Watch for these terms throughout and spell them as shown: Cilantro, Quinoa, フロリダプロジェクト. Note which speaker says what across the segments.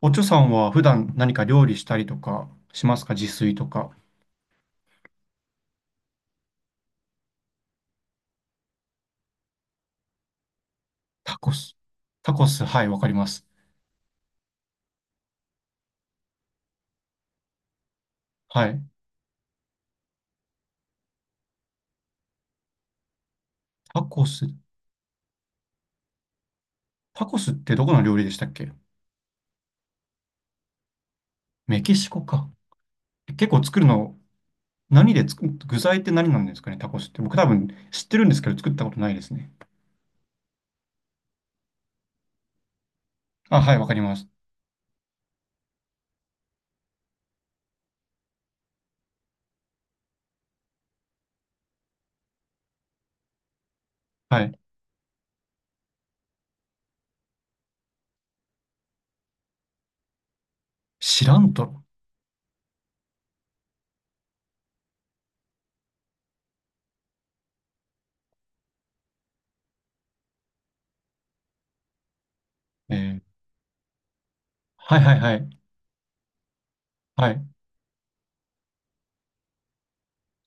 Speaker 1: おちょさんは普段何か料理したりとかしますか、自炊とか。タコス。タコス、はい、わかります。はい。タコス。タコスってどこの料理でしたっけ？メキシコか。結構作るの、何で作、具材って何なんですかね、タコスって。僕多分知ってるんですけど作ったことないですね。あ、はい、わかります。はい。シラントロ。えー、はいはいはい。はい。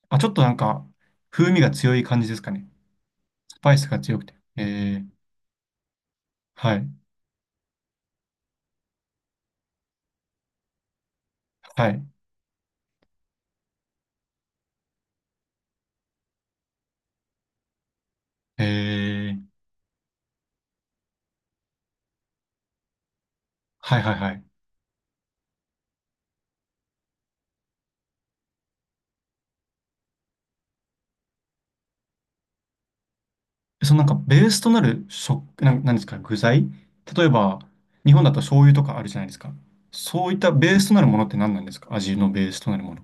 Speaker 1: あ、ちょっとなんか、風味が強い感じですかね。スパイスが強くて。えー、はい。はい。えー、はいはいはい。そのなんかベースとなる食、なん、なんですか、具材。例えば、日本だと醤油とかあるじゃないですか。そういったベースとなるものって何なんですか？味のベースとなるもの。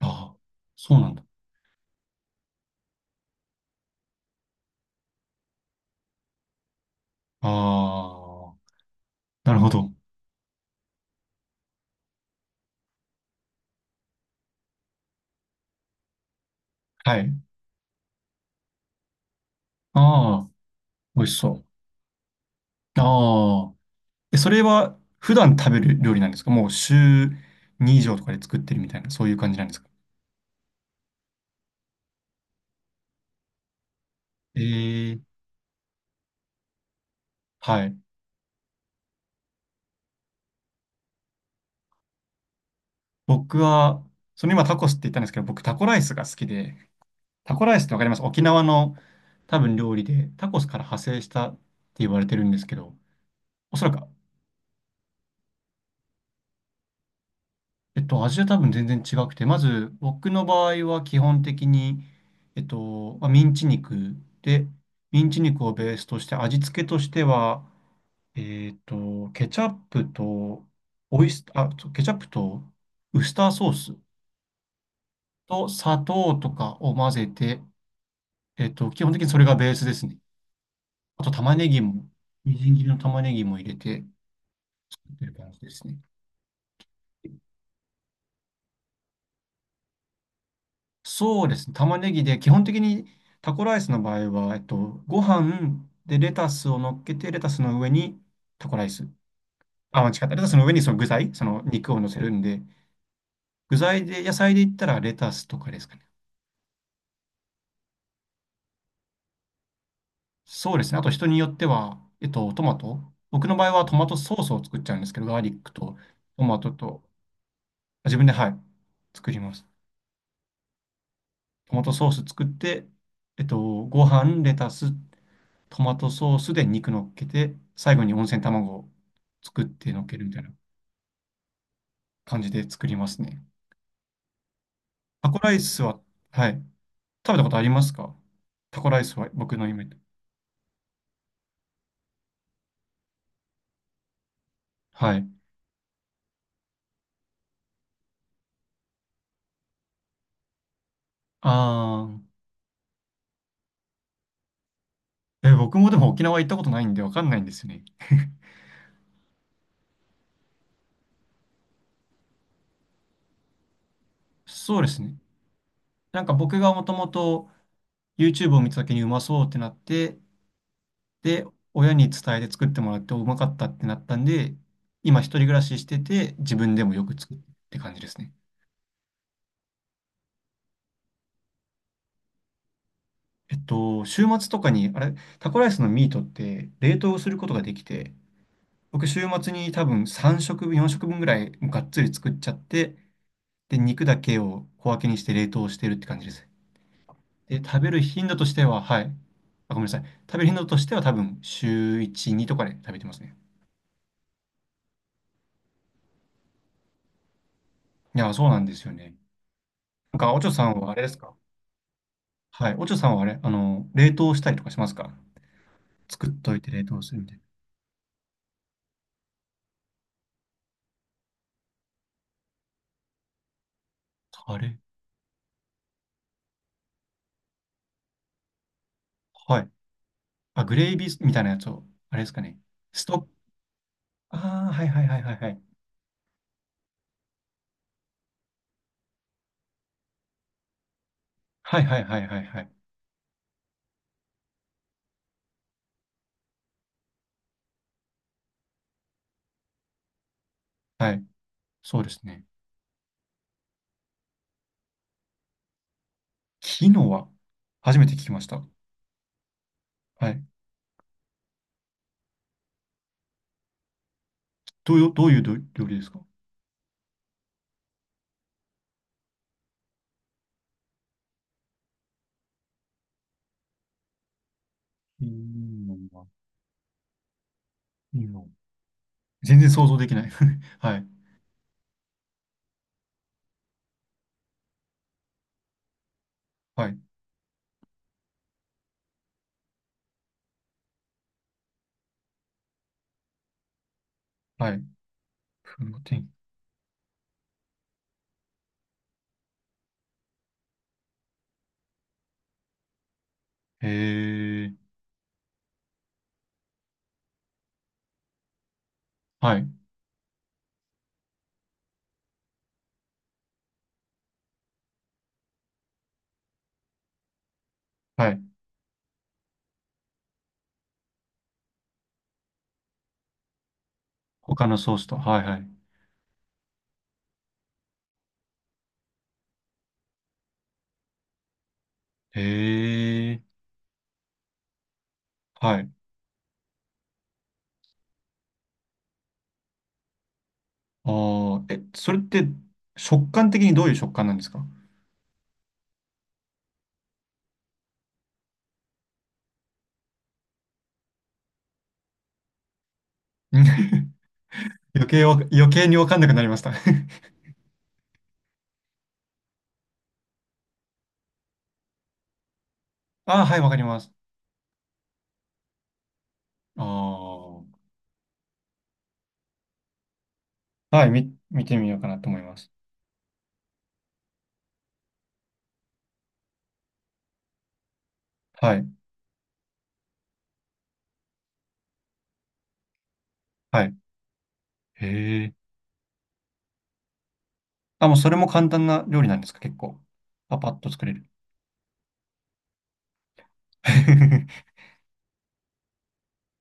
Speaker 1: ああ、そうなんだ。ああ、なるほど。はい。ああ、美味しそう。ああ、え、それは普段食べる料理なんですか？もう週2以上とかで作ってるみたいな、そういう感じなんですか？ええ、はい。僕は、その今タコスって言ったんですけど、僕タコライスが好きで、タコライスってわかります？沖縄の多分料理で、タコスから派生したって言われてるんですけど、おそらく、味は多分全然違くて、まず僕の場合は基本的に、まあミンチ肉で、ミンチ肉をベースとして、味付けとしては、ケチャップと、オイス、あ、そうケチャップとウスターソースと砂糖とかを混ぜて、基本的にそれがベースですね。あと玉ねぎも、みじん切りの玉ねぎも入れて、という感じですね。そうですね。玉ねぎで、基本的にタコライスの場合は、ご飯でレタスを乗っけて、レタスの上に、タコライス。あ、間違った。レタスの上にその具材、その肉を乗せるんで、具材で、野菜で言ったらレタスとかですかね。そうですね。あと人によっては、トマト。僕の場合はトマトソースを作っちゃうんですけど、ガーリックとトマトと、あ、自分で、はい、作ります。トマトソース作って、えっと、ご飯、レタス、トマトソースで肉乗っけて、最後に温泉卵を作って乗っけるみたいな感じで作りますね。タコライスは、はい。食べたことありますか？タコライスは僕の夢。はい。あー、え、僕もでも沖縄行ったことないんでわかんないんですよね。そうですね。なんか僕がもともと YouTube を見た時にうまそうってなって、で、親に伝えて作ってもらってうまかったってなったんで、今一人暮らししてて自分でもよく作るって感じですね。週末とかに、あれ、タコライスのミートって冷凍することができて、僕、週末に多分3食分、4食分ぐらいがっつり作っちゃって、で、肉だけを小分けにして冷凍してるって感じです。で、食べる頻度としては、はい。あ、ごめんなさい。食べる頻度としては多分週1、2とかで食べてますね。いや、そうなんですよね。なんか、おちょさんはあれですか？はい。おちょさんはあれ、冷凍したりとかしますか？作っといて冷凍するみたいな。あれ、はい。あ、グレイビーみたいなやつを、あれですかね。ストッああ、はいはいはいはいはい。はいはいはいはいはい。はい。そうですね。キノア。初めて聞きました。はい。どういう料理ですか？キノア。キノア、全然想像できない。はい。はい。はい。プロテイン。へえ。はい。はい。他のソースと。はいはい。へえ。はい。ああ、え、それって食感的にどういう食感なんですか？うん。 余計にわかんなくなりました。 ああ、はい、わかります。ああ。はい、見てみようかなと思います。はい、はい。へえ。あ、もうそれも簡単な料理なんですか、結構。パパッと作れる。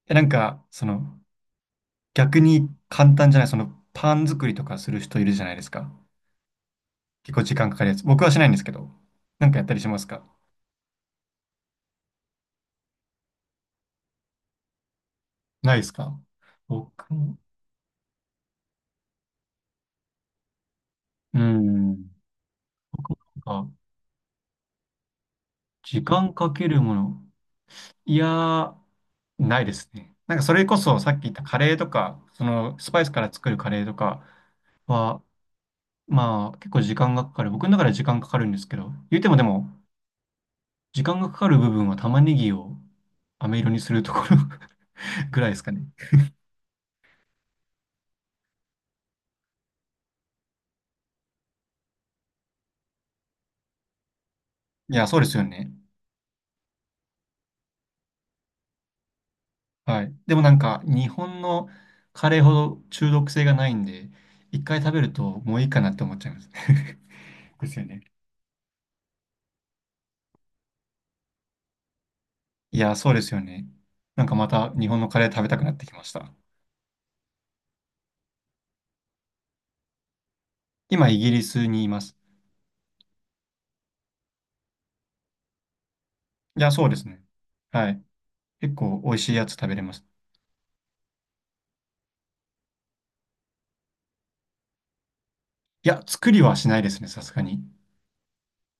Speaker 1: え、なんか、逆に簡単じゃない、その、パン作りとかする人いるじゃないですか。結構時間かかるやつ。僕はしないんですけど。なんかやったりしますか？ないですか？僕も、うん。僕もなんか、時間かけるもの。いやー、ないですね。なんかそれこそさっき言ったカレーとか、そのスパイスから作るカレーとかはまあ、結構時間がかかる。僕の中では時間かかるんですけど、言うてもでも、時間がかかる部分は玉ねぎを飴色にするところ ぐらいですかね。いや、そうですよね。はい。でもなんか、日本のカレーほど中毒性がないんで、一回食べるともういいかなって思っちゃいます。ですよね。いや、そうですよね。なんかまた日本のカレー食べたくなってきました。今、イギリスにいます。いや、そうですね。はい。結構美味しいやつ食べれます。いや、作りはしないですね、さすがに。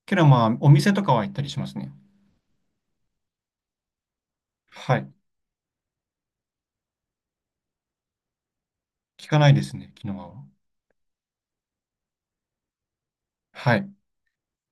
Speaker 1: けどまあ、お店とかは行ったりしますね。はい。聞かないですね、昨日は。はい。